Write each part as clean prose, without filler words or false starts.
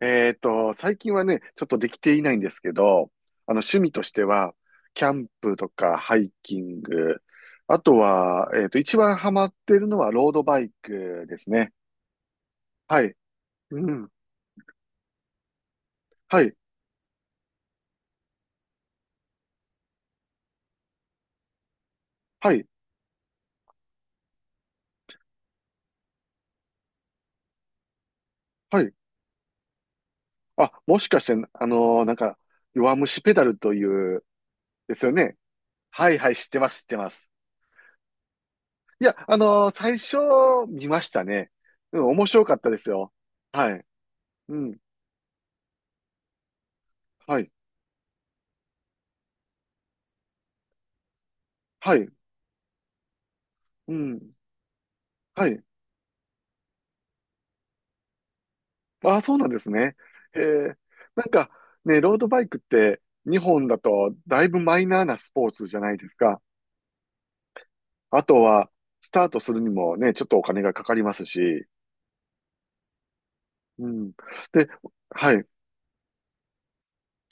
最近はね、ちょっとできていないんですけど、趣味としては、キャンプとかハイキング、あとは、一番ハマってるのはロードバイクですね。はい。うん。はい。はい。はい。あ、もしかして、弱虫ペダルという、ですよね。はいはい、知ってます、知ってます。いや、最初、見ましたね。うん、面白かったですよ。はい。うん。はい。はい。うん。はい。ああ、そうなんですね。へえ。なんかね、ロードバイクって日本だとだいぶマイナーなスポーツじゃないですか。あとは、スタートするにもね、ちょっとお金がかかりますし。うん。で、はい。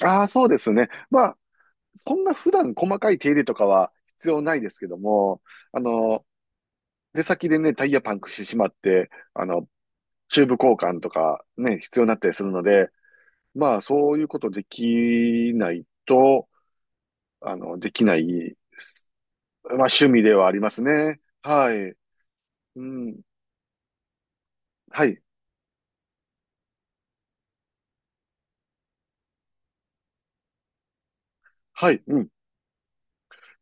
ああ、そうですね。まあ、そんな普段細かい手入れとかは必要ないですけども、あの、出先でね、タイヤパンクしてしまって、あの、チューブ交換とかね、必要になったりするので、まあ、そういうことできないと、あの、できないまあ、趣味ではありますね。はい。うん。はい。はい。うん。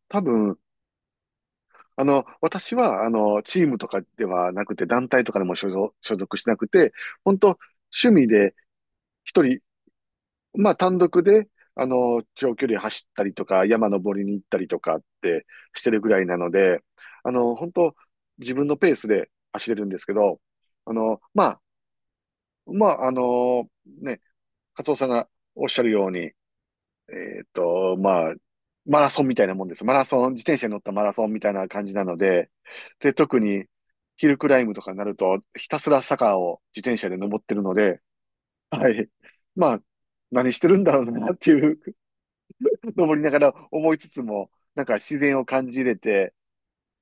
多分、私は、チームとかではなくて、団体とかでも所属しなくて、本当趣味で、一人、まあ、単独で、長距離走ったりとか、山登りに行ったりとかってしてるぐらいなので、本当自分のペースで走れるんですけど、あの、まあ、まあ、あの、ね、カツオさんがおっしゃるように、まあ、マラソンみたいなもんです。マラソン、自転車に乗ったマラソンみたいな感じなので、で、特にヒルクライムとかになると、ひたすら坂を自転車で登ってるので、はい。まあ、何してるんだろうなっていう、登りながら思いつつも、なんか自然を感じれて、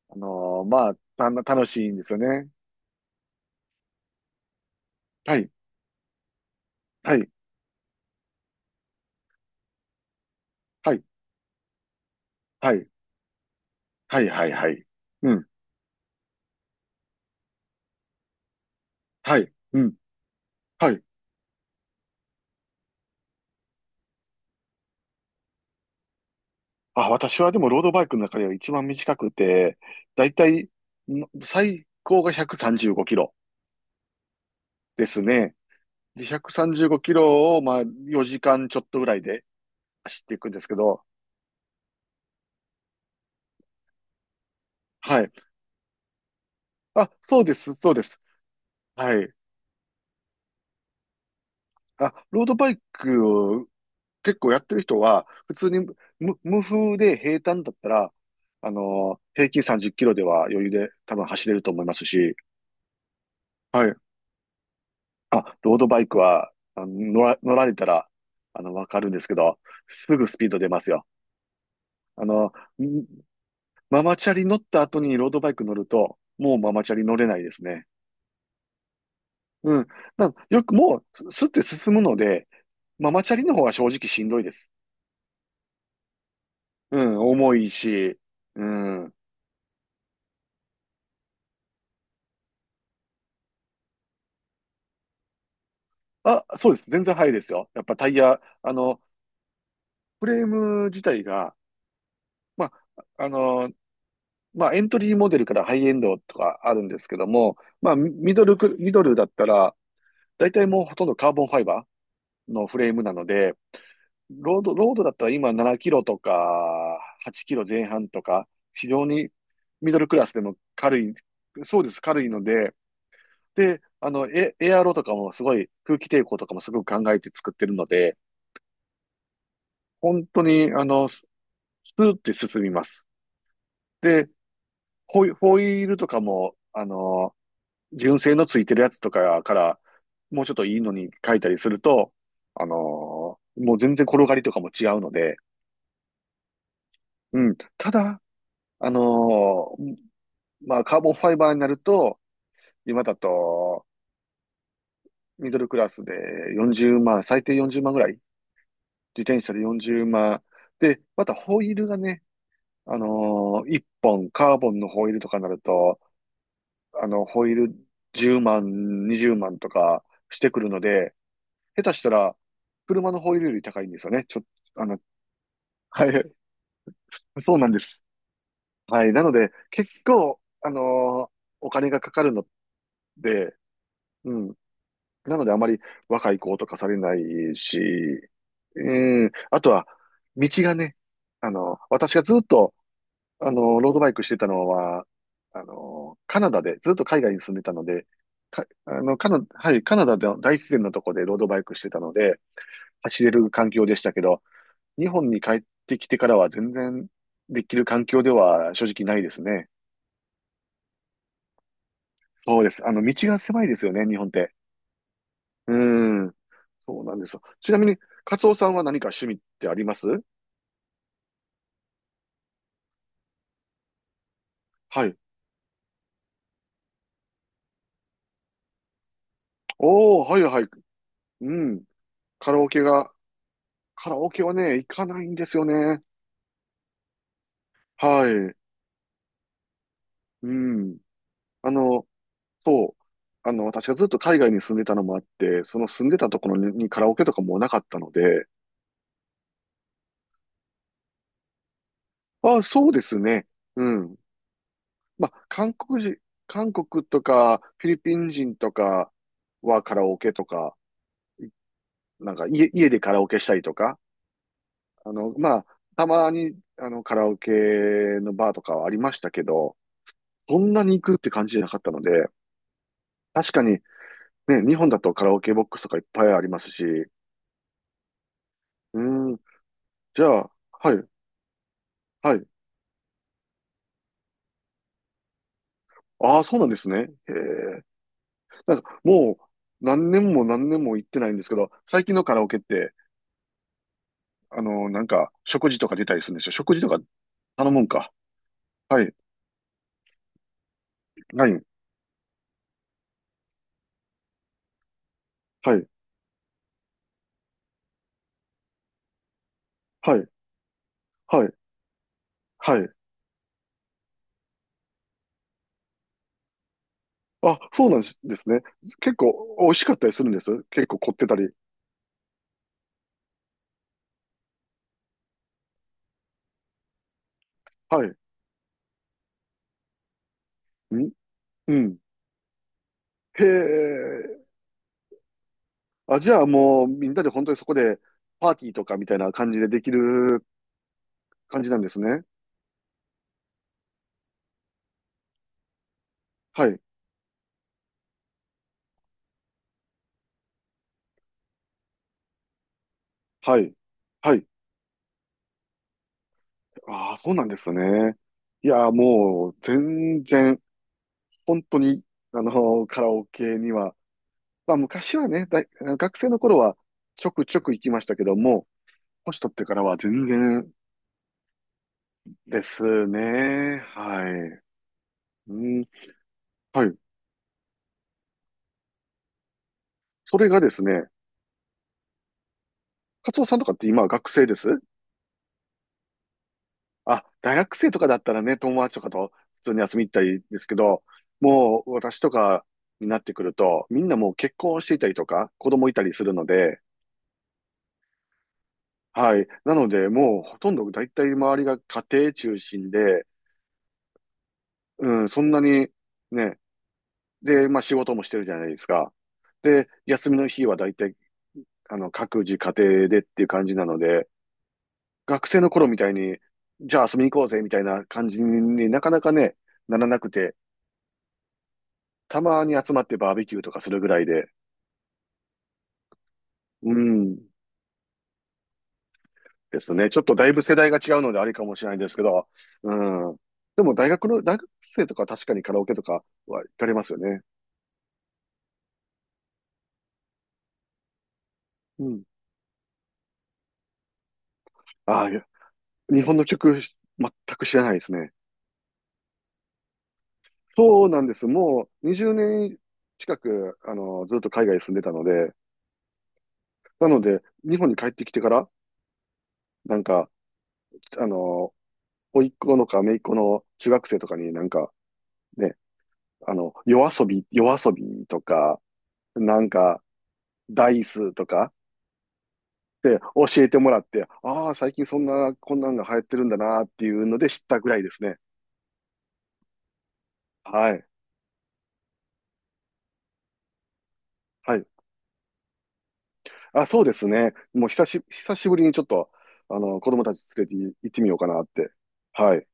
あのーまあ、た楽しいんですよね。はい、はい、はい、はい、はい、はい、はい。うん、はい、うん、はい。あ、私はでもロードバイクの中では一番短くて、だいたい最高が135キロですね。で、135キロを、まあ、4時間ちょっとぐらいで走っていくんですけど、はい。あ、そうです、そうです。はい。あ、ロードバイクを結構やってる人は、普通に無風で平坦だったら、平均30キロでは余裕で多分走れると思いますし、はい。あ、ロードバイクは、乗られたら、わかるんですけど、すぐスピード出ますよ。あの、んママチャリ乗った後にロードバイク乗ると、もうママチャリ乗れないですね。うん。なよくもう、すすって進むので、ママチャリの方が正直しんどいです。うん、重いし、うん。あ、そうです。全然速いですよ。やっぱタイヤ、フレーム自体が、まあ、あの、まあ、エントリーモデルからハイエンドとかあるんですけども、まあ、ミドルだったら、大体もうほとんどカーボンファイバーのフレームなので、ロードだったら今7キロとか8キロ前半とか、非常にミドルクラスでも軽い、そうです、軽いので、で、エアロとかもすごい空気抵抗とかもすごく考えて作ってるので、本当に、スーって進みます。で、ホイールとかも、純正のついてるやつとかから、もうちょっといいのに書いたりすると、あのもう全然転がりとかも違うので、うん。ただ、あのーまあ、カーボンファイバーになると、今だと、ミドルクラスで40万、最低40万ぐらい、自転車で40万。で、またホイールがね、1本カーボンのホイールとかになると、ホイール10万、20万とかしてくるので、下手したら、車のホイールより高いんですよね。ちょ、あの、はい。そうなんです。はい。なので、結構、お金がかかるので、うん。なので、あまり若い子とかされないし、うん。あとは、道がね、私がずっと、ロードバイクしてたのは、カナダで、ずっと海外に住んでたので、か、あの、カナ、はい、カナダの大自然のとこでロードバイクしてたので、走れる環境でしたけど、日本に帰ってきてからは全然できる環境では正直ないですね。そうです。あの、道が狭いですよね、日本って。うーん。そうなんですよ。ちなみに、カツオさんは何か趣味ってありますはい。おー、はいはい。うん。カラオケが、カラオケはね、行かないんですよね。はい。うん。あの、そう。私がずっと海外に住んでたのもあって、その住んでたところに、カラオケとかもなかったので、あ、そうですね。うん。まあ、韓国とか、フィリピン人とかはカラオケとか、いなんか家でカラオケしたりとか、あの、まあ、たまに、カラオケのバーとかはありましたけど、そんなに行くって感じじゃなかったので、確かに、ね、日本だとカラオケボックスとかいっぱいありますし、うーん、じゃあ、はい、はい。ああ、そうなんですね。へえ。なんか、もう、何年も何年も行ってないんですけど、最近のカラオケって、食事とか出たりするんでしょ食事とか頼むんか。はい。ライン。はい。はい。はい。はい。あ、そうなんですね。結構美味しかったりするんです。結構凝ってたり。はい。んうん。へえ。あ、じゃあもうみんなで本当にそこでパーティーとかみたいな感じでできる感じなんですね。はい。はい。はい。ああ、そうなんですね。いやー、もう全然、本当に、カラオケにはまあ昔はね、大学生の頃はちょくちょく行きましたけども、年取ってからは全然ですね。はい。うん。はい。それがですね、カツオさんとかって今は学生ですあ、大学生とかだったらね、友達とかと普通に遊びに行ったりですけど、もう私とかになってくると、みんなもう結婚していたりとか、子供いたりするので、はい。なので、もうほとんど大体周りが家庭中心で、うん、そんなにね、で、まあ仕事もしてるじゃないですか。で、休みの日は大体、各自家庭でっていう感じなので、学生の頃みたいに、じゃあ遊びに行こうぜみたいな感じになかなかね、ならなくて、たまに集まってバーベキューとかするぐらいで、うん、ですね。ちょっとだいぶ世代が違うのであれかもしれないですけど、うん。でも大学生とか確かにカラオケとかは行かれますよね。うん。ああ、いや日本の曲全く知らないですね。そうなんです。もう20年近く、ずっと海外に住んでたので、なので、日本に帰ってきてから、なんか、あの、甥っ子のか姪っ子の中学生とかになんか、ね、夜遊びとか、なんか、ダイスとかって教えてもらって、ああ、最近そんな、こんなんが流行ってるんだなっていうので知ったぐらいですね。はい。はい。あ、そうですね。もう久しぶりにちょっと、子供たち連れて行ってみようかなって。はい。